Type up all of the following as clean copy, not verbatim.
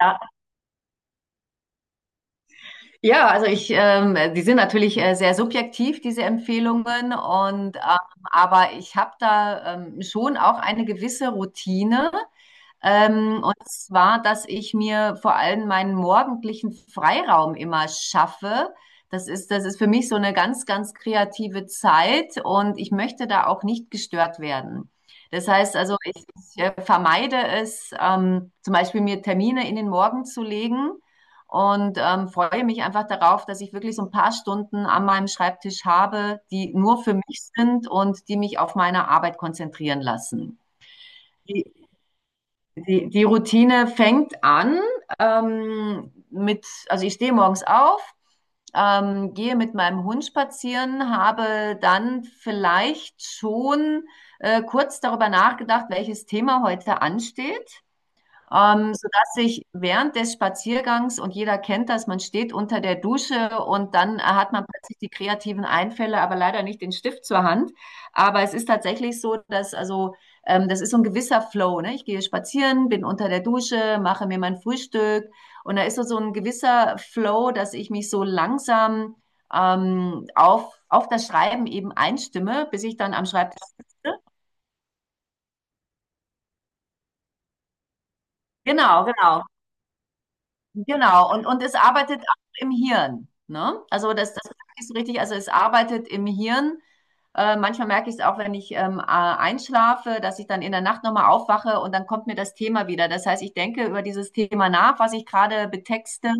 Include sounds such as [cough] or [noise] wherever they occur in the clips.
Ja, ja, also die sind natürlich sehr subjektiv, diese Empfehlungen, aber ich habe da schon auch eine gewisse Routine. Und zwar, dass ich mir vor allem meinen morgendlichen Freiraum immer schaffe. Das ist für mich so eine ganz, ganz kreative Zeit und ich möchte da auch nicht gestört werden. Das heißt also, ich vermeide es, zum Beispiel mir Termine in den Morgen zu legen und freue mich einfach darauf, dass ich wirklich so ein paar Stunden an meinem Schreibtisch habe, die nur für mich sind und die mich auf meine Arbeit konzentrieren lassen. Die Routine fängt an also ich stehe morgens auf, gehe mit meinem Hund spazieren, habe dann vielleicht schon kurz darüber nachgedacht, welches Thema heute ansteht. Sodass ich während des Spaziergangs, und jeder kennt das, man steht unter der Dusche und dann hat man plötzlich die kreativen Einfälle, aber leider nicht den Stift zur Hand. Aber es ist tatsächlich so, dass also das ist so ein gewisser Flow. Ne? Ich gehe spazieren, bin unter der Dusche, mache mir mein Frühstück und da ist so ein gewisser Flow, dass ich mich so langsam auf das Schreiben eben einstimme, bis ich dann am Schreibtisch sitze. Genau, genau. Genau, und es arbeitet auch im Hirn. Ne? Also das ist so richtig, also es arbeitet im Hirn. Manchmal merke ich es auch, wenn ich einschlafe, dass ich dann in der Nacht nochmal aufwache und dann kommt mir das Thema wieder. Das heißt, ich denke über dieses Thema nach, was ich gerade betexte,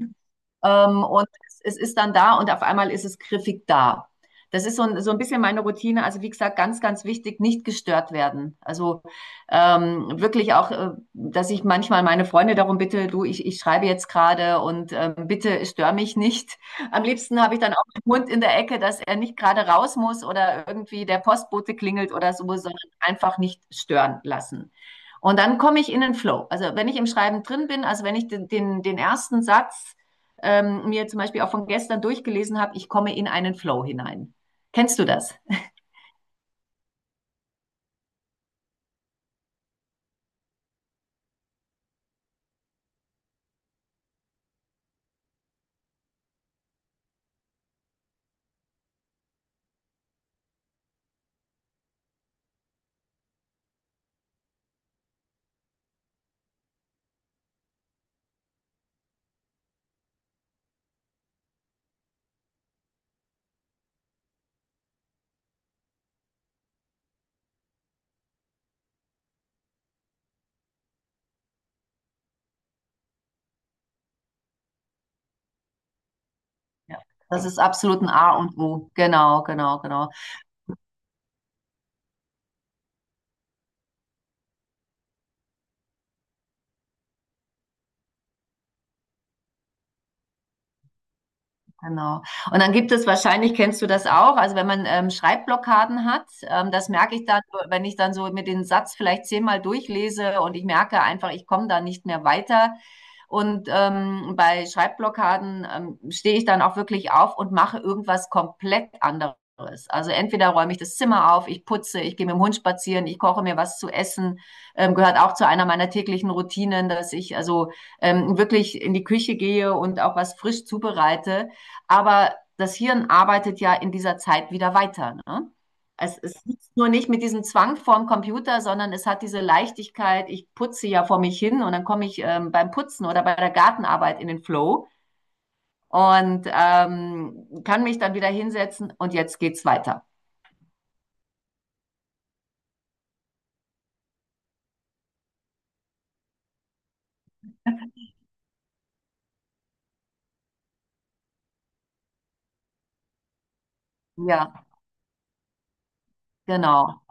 und es ist dann da und auf einmal ist es griffig da. Das ist so ein bisschen meine Routine. Also wie gesagt, ganz, ganz wichtig, nicht gestört werden. Also wirklich auch, dass ich manchmal meine Freunde darum bitte, du, ich schreibe jetzt gerade und bitte stör mich nicht. Am liebsten habe ich dann Hund in der Ecke, dass er nicht gerade raus muss oder irgendwie der Postbote klingelt oder so, sondern einfach nicht stören lassen. Und dann komme ich in den Flow. Also wenn ich im Schreiben drin bin, also wenn ich den ersten Satz mir zum Beispiel auch von gestern durchgelesen habe, ich komme in einen Flow hinein. Kennst du das? Ja. Das ist absolut ein A und O. Genau, genau, genau. Genau. Und dann gibt es wahrscheinlich, kennst du das auch, also wenn man Schreibblockaden hat, das merke ich dann, wenn ich dann so mit den Satz vielleicht zehnmal durchlese und ich merke einfach, ich komme da nicht mehr weiter. Und bei Schreibblockaden stehe ich dann auch wirklich auf und mache irgendwas komplett anderes. Also entweder räume ich das Zimmer auf, ich putze, ich gehe mit dem Hund spazieren, ich koche mir was zu essen. Gehört auch zu einer meiner täglichen Routinen, dass ich also wirklich in die Küche gehe und auch was frisch zubereite. Aber das Hirn arbeitet ja in dieser Zeit wieder weiter. Ne? Es ist nur nicht mit diesem Zwang vorm Computer, sondern es hat diese Leichtigkeit, ich putze ja vor mich hin und dann komme ich beim Putzen oder bei der Gartenarbeit in den Flow und kann mich dann wieder hinsetzen und jetzt geht's weiter. Ja, genau.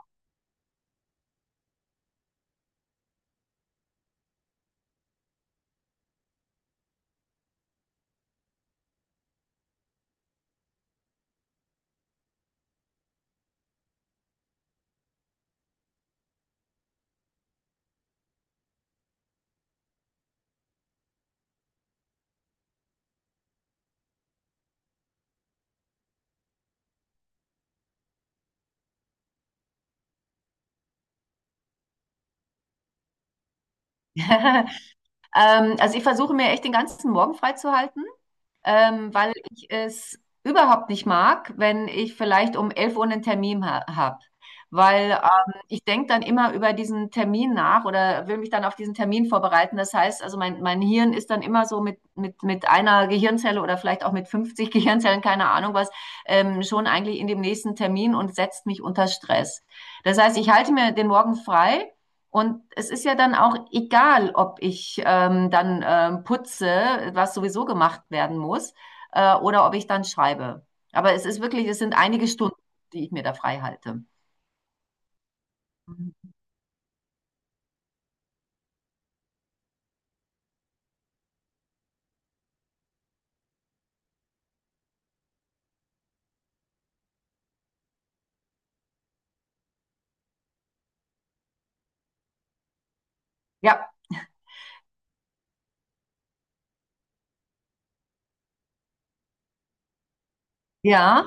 [laughs] ähm, also ich versuche mir echt den ganzen Morgen freizuhalten. Weil ich es überhaupt nicht mag, wenn ich vielleicht um 11 Uhr einen Termin ha habe. Weil ich denke dann immer über diesen Termin nach oder will mich dann auf diesen Termin vorbereiten. Das heißt, also mein Hirn ist dann immer so mit einer Gehirnzelle oder vielleicht auch mit 50 [laughs] Gehirnzellen, keine Ahnung was, schon eigentlich in dem nächsten Termin und setzt mich unter Stress. Das heißt, ich halte mir den Morgen frei und es ist ja dann auch egal, ob ich dann putze, was sowieso gemacht werden muss, oder ob ich dann schreibe. Aber es ist wirklich, es sind einige Stunden, die ich mir da frei halte. Mhm. Ja, ja.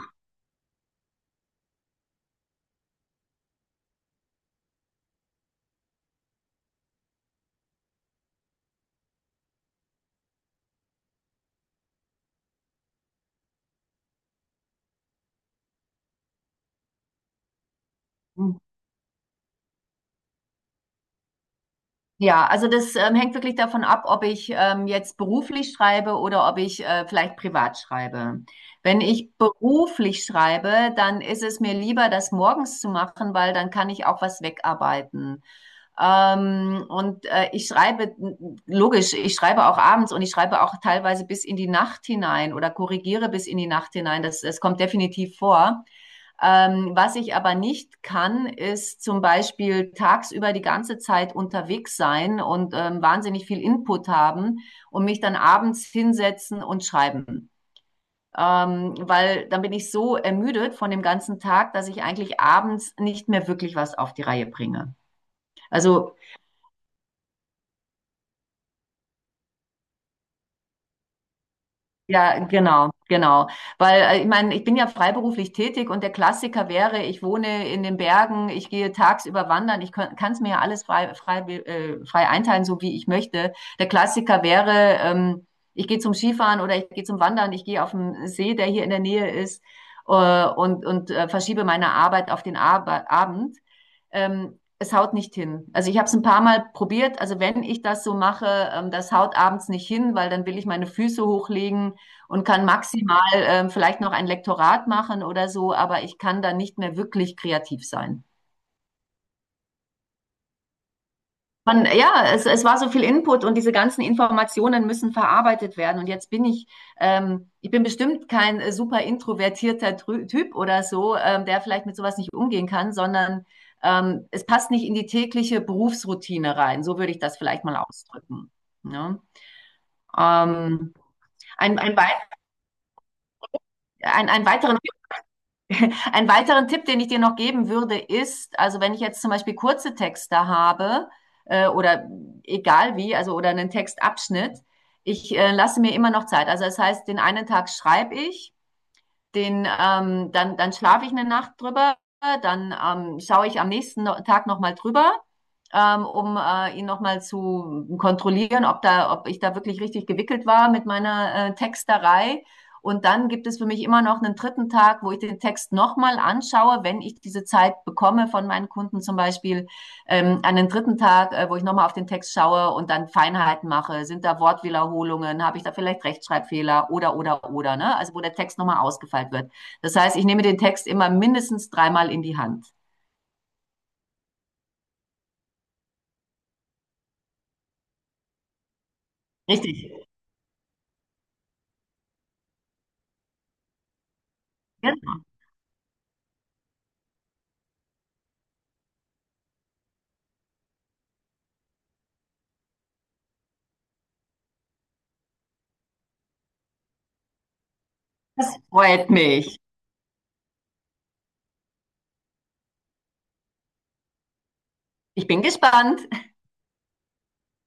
Mhm. Ja, also das hängt wirklich davon ab, ob ich jetzt beruflich schreibe oder ob ich vielleicht privat schreibe. Wenn ich beruflich schreibe, dann ist es mir lieber, das morgens zu machen, weil dann kann ich auch was wegarbeiten. Und ich schreibe, logisch, ich schreibe auch abends und ich schreibe auch teilweise bis in die Nacht hinein oder korrigiere bis in die Nacht hinein. Das kommt definitiv vor. Was ich aber nicht kann, ist zum Beispiel tagsüber die ganze Zeit unterwegs sein und wahnsinnig viel Input haben und mich dann abends hinsetzen und schreiben. Weil dann bin ich so ermüdet von dem ganzen Tag, dass ich eigentlich abends nicht mehr wirklich was auf die Reihe bringe. Also, ja, genau, genau. Weil ich meine, ich bin ja freiberuflich tätig und der Klassiker wäre, ich wohne in den Bergen, ich gehe tagsüber wandern, ich kann es mir ja alles frei einteilen, so wie ich möchte. Der Klassiker wäre, ich gehe zum Skifahren oder ich gehe zum Wandern, ich gehe auf den See, der hier in der Nähe ist, und verschiebe meine Arbeit auf den Ab Abend. Es haut nicht hin. Also ich habe es ein paar Mal probiert. Also wenn ich das so mache, das haut abends nicht hin, weil dann will ich meine Füße hochlegen und kann maximal vielleicht noch ein Lektorat machen oder so, aber ich kann dann nicht mehr wirklich kreativ sein. Man, ja, es war so viel Input und diese ganzen Informationen müssen verarbeitet werden. Und jetzt ich bin bestimmt kein super introvertierter Typ oder so, der vielleicht mit sowas nicht umgehen kann, sondern es passt nicht in die tägliche Berufsroutine rein. So würde ich das vielleicht mal ausdrücken. Ne? Ähm, ein, ein, ein, einen weiteren [laughs] Einen weiteren Tipp, den ich dir noch geben würde, ist, also wenn ich jetzt zum Beispiel kurze Texte habe oder egal wie, also oder einen Textabschnitt, ich lasse mir immer noch Zeit. Also das heißt, den einen Tag schreibe ich dann schlafe ich eine Nacht drüber, dann schaue ich am nächsten no Tag nochmal drüber, um ihn nochmal zu kontrollieren, ob ich da wirklich richtig gewickelt war mit meiner Texterei. Und dann gibt es für mich immer noch einen dritten Tag, wo ich den Text nochmal anschaue, wenn ich diese Zeit bekomme von meinen Kunden zum Beispiel, an den dritten Tag, wo ich nochmal auf den Text schaue und dann Feinheiten mache, sind da Wortwiederholungen, habe ich da vielleicht Rechtschreibfehler oder, ne? Also wo der Text nochmal ausgefeilt wird. Das heißt, ich nehme den Text immer mindestens dreimal in die Hand. Richtig. Das freut mich. Ich bin gespannt.